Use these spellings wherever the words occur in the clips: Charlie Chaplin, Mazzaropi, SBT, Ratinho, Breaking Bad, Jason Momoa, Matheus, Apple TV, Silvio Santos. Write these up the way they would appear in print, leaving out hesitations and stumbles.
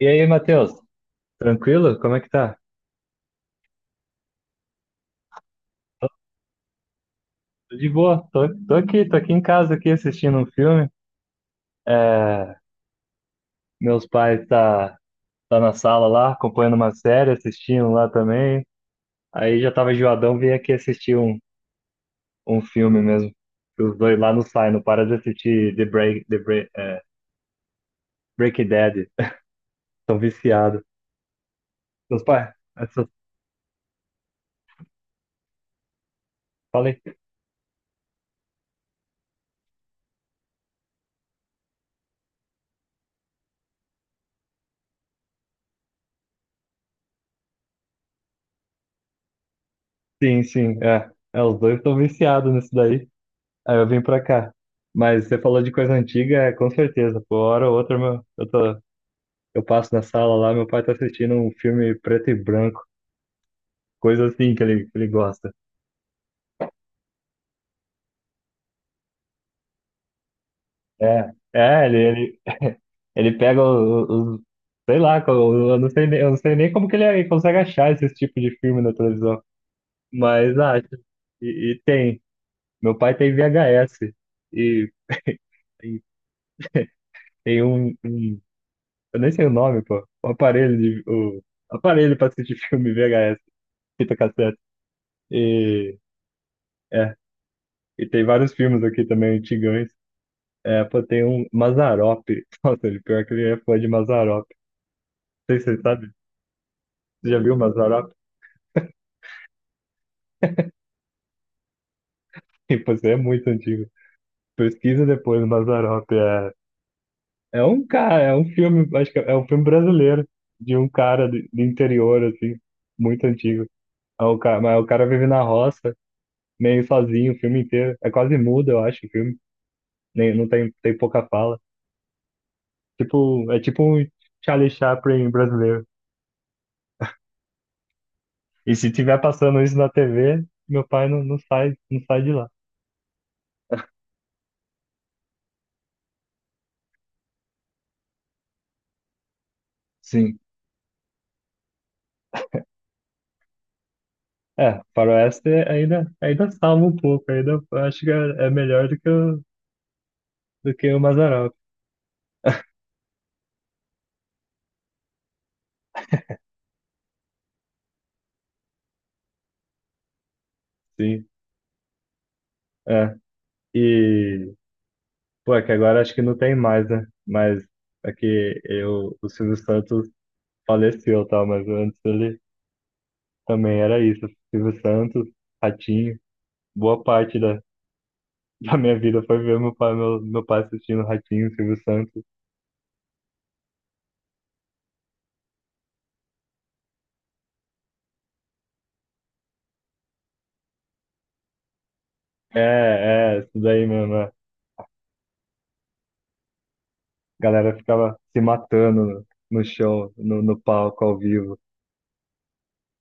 E aí, Matheus? Tranquilo? Como é que tá? Tô de boa. Tô aqui, tô aqui em casa aqui assistindo um filme. É, meus pais tá, tá na sala lá, acompanhando uma série, assistindo lá também. Aí já tava enjoadão, vim aqui assistir um filme mesmo. Que os dois lá não saem, não para de assistir Breaking Bad. Estão viciados. Meus pais, essa- falei? Sim, sim, é. É, os dois estão viciados nisso daí. Aí eu vim pra cá. Mas você falou de coisa antiga, é, com certeza. Por hora ou outra, meu, eu passo na sala lá, meu pai tá assistindo um filme preto e branco, coisa assim que ele gosta. É, é, ele pega os, sei lá, co- eu não sei, nem- eu não sei nem como ele consegue achar esse tipo de filme na televisão, mas acha. E tem. Meu pai tem VHS e, e tem um. Eu nem sei o nome, pô. O aparelho para assistir filme VHS, fita cassete. E é, e tem vários filmes aqui também antigões. É, pô, tem um Mazzaropi. Nossa, ele pior que ele é fã de Mazzaropi. Não sei se você sabe. Você já viu Mazzaropi? E, pô, você é muito antigo. Pesquisa depois o Mazzaropi. É, é um cara, é um filme, acho que é um filme brasileiro de um do interior assim, muito antigo. É o cara, mas o cara vive na roça meio sozinho o filme inteiro. É quase mudo, eu acho, o filme. Nem, não tem, tem pouca fala. É tipo um Charlie Chaplin brasileiro. E se tiver passando isso na TV, meu pai não sai, não sai de lá. Sim. É, faroeste ainda, ainda salva um pouco, ainda acho é melhor do que do que o Mazzaropi, sim. É, e, pô, é que agora acho que não tem mais, né? Mas é que eu, o Silvio Santos faleceu, tá? Mas antes ele também era isso, Silvio Santos, Ratinho, boa parte da minha vida foi ver meu meu pai assistindo Ratinho, Silvio Santos. É, é, isso daí mesmo. É. A galera ficava se matando no, no show, no, no palco, ao vivo,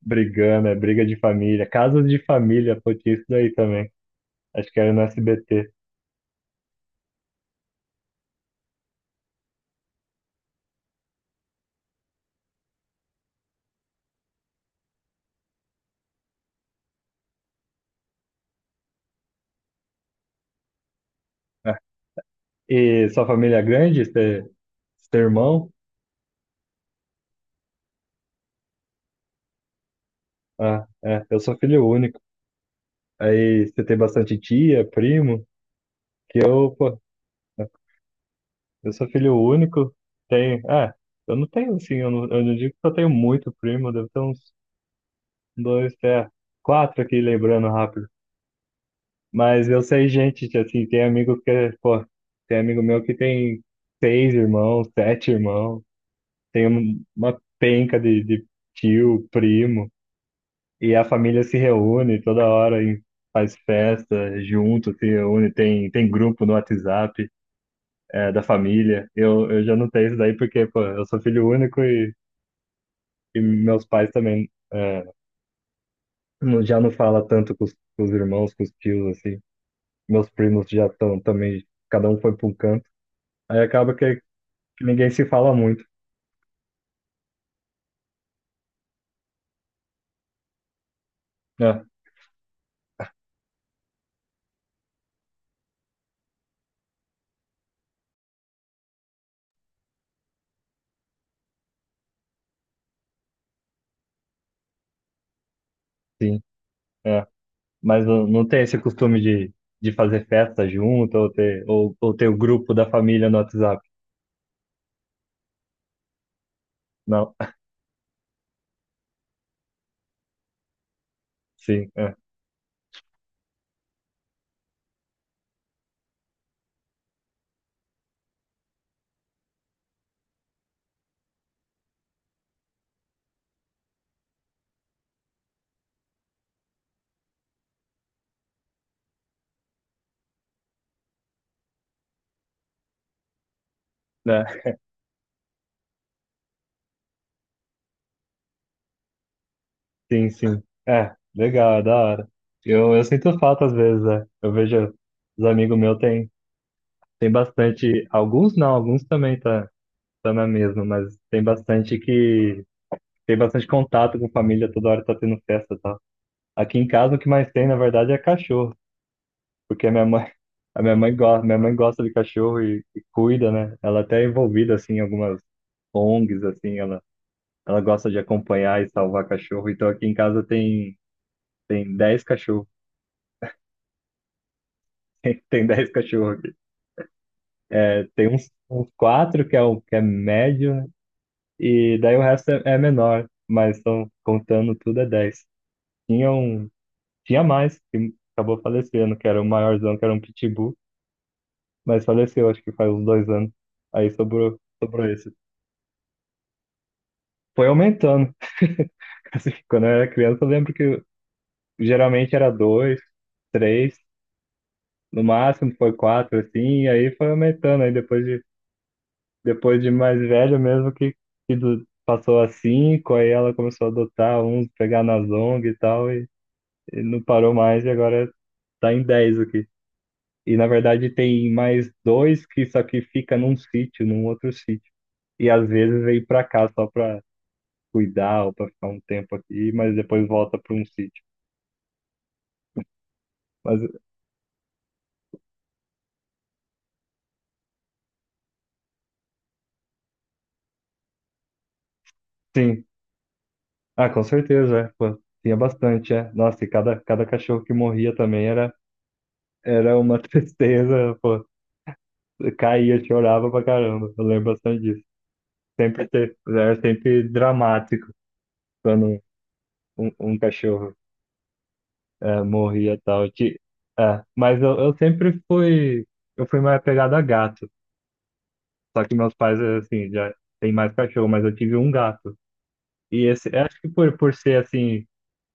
brigando, é briga de família. Casas de família, pô, tinha isso daí também. Acho que era no SBT. É. E sua família é grande? Você tem irmão? Ah, é, eu sou filho único. Aí você tem bastante tia, primo, que eu, pô, eu sou filho único, tenho. É, eu não tenho assim, eu eu não digo que eu tenho muito primo, deve ter uns dois, até quatro aqui lembrando rápido. Mas eu sei gente, que, assim, tem amigo pô, tem amigo meu que tem seis irmãos, sete irmãos, uma penca de tio, primo, e a família se reúne toda hora e faz festa junto, se reúne, tem grupo no WhatsApp, é, da família. Eu já não tenho isso daí porque, pô, eu sou filho único. E meus pais também é, já não fala tanto com com os irmãos, com os tios, assim. Meus primos já estão também, cada um foi para um canto. Aí acaba que ninguém se fala muito. É, sim, é. Mas não tem esse costume de fazer festa junto ou ou ter o grupo da família no WhatsApp. Não, sim, é, é, sim, sim. É, legal, é da hora. Eu sinto falta às vezes, né? Eu vejo os amigos meus tem, tem bastante, alguns não, alguns também tá, tá na mesma, mas tem bastante que. Tem bastante contato com família, toda hora tá tendo festa e tal. Aqui em casa o que mais tem, na verdade, é cachorro, porque a minha mãe, a minha mãe gosta de cachorro e cuida, né? Ela até é envolvida assim em algumas ONGs assim, ela gosta de acompanhar e salvar cachorro. Então aqui em casa tem 10 cachorros. Tem 10 cachorros aqui. É, tem uns, uns quatro que é o que é médio e daí o resto é, é menor, mas estão contando tudo é dez. Tinha um. Tinha mais, que acabou falecendo, que era o maiorzão, que era um pitbull, mas faleceu, acho que faz uns dois anos. Aí sobrou, sobrou esse. Foi aumentando. Assim, quando eu era criança, eu lembro que geralmente era dois, três, no máximo foi quatro, assim, e aí foi aumentando. Aí depois de mais velho mesmo, passou a cinco, aí ela começou a adotar uns, pegar nas ONG e tal, e não parou mais, e agora tá em dez aqui. E na verdade tem mais dois que só que fica num sítio, num outro sítio. E às vezes vem pra cá só pra cuidar ou pra ficar um tempo aqui, mas depois volta pra um sítio. Mas sim, ah, com certeza, é. Pô, tinha bastante, é. Nossa, e cada, cada cachorro que morria também era, era uma tristeza, pô. Eu caía, chorava pra caramba. Eu lembro bastante disso. Sempre ter, era sempre dramático quando um, um cachorro é, morria e tal. Ti- É, mas eu, eu fui mais apegado a gato. Só que meus pais, assim, já têm mais cachorro, mas eu tive um gato. E esse, eu acho por ser assim,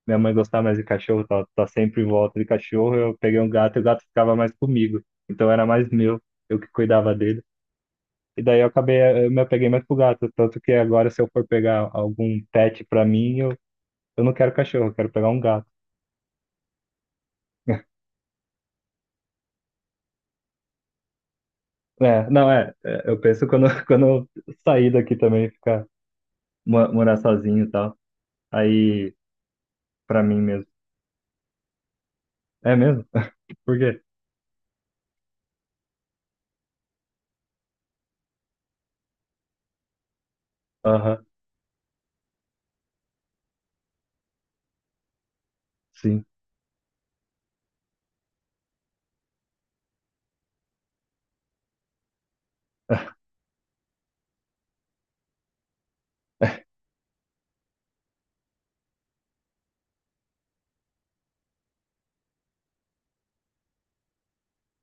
minha mãe gostava mais de cachorro, tá, tá sempre em volta de cachorro, eu peguei um gato e o gato ficava mais comigo. Então era mais meu, eu que cuidava dele. E daí eu acabei, eu me apeguei mais pro gato. Tanto que agora, se eu for pegar algum pet pra mim, eu não quero cachorro, eu quero pegar um gato. É, não, é, é, eu penso quando, quando eu sair daqui também, morar sozinho e tal, aí, pra mim mesmo. É mesmo? Por quê? Aham, sim.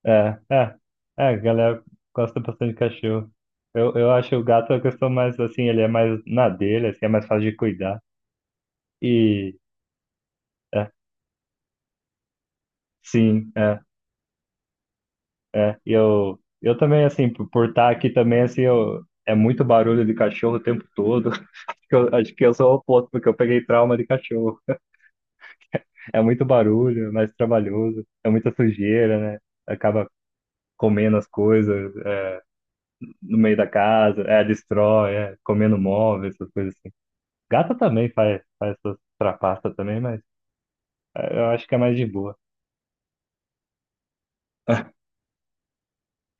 É, é, é, a galera gosta bastante de cachorro. Eu acho o gato a questão mais, assim, ele é mais na dele, assim, é mais fácil de cuidar. E, é, sim, é, é. E eu também, assim, por estar aqui também, assim, eu, é muito barulho de cachorro o tempo todo. Eu, acho que eu sou o oposto, porque eu peguei trauma de cachorro. É muito barulho, é mais trabalhoso, é muita sujeira, né? Acaba comendo as coisas é, no meio da casa, é, destrói, é, comendo móveis, essas coisas assim. Gata também faz, faz essas trapaças também, mas é, eu acho que é mais de boa.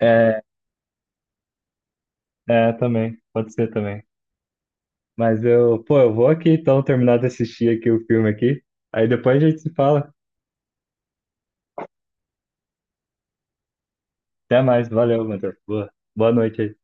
É, é, também, pode ser também. Mas eu, pô, eu vou aqui então terminar de assistir aqui o filme aqui, aí depois a gente se fala. Até mais, valeu, Matheus. Boa, boa noite aí.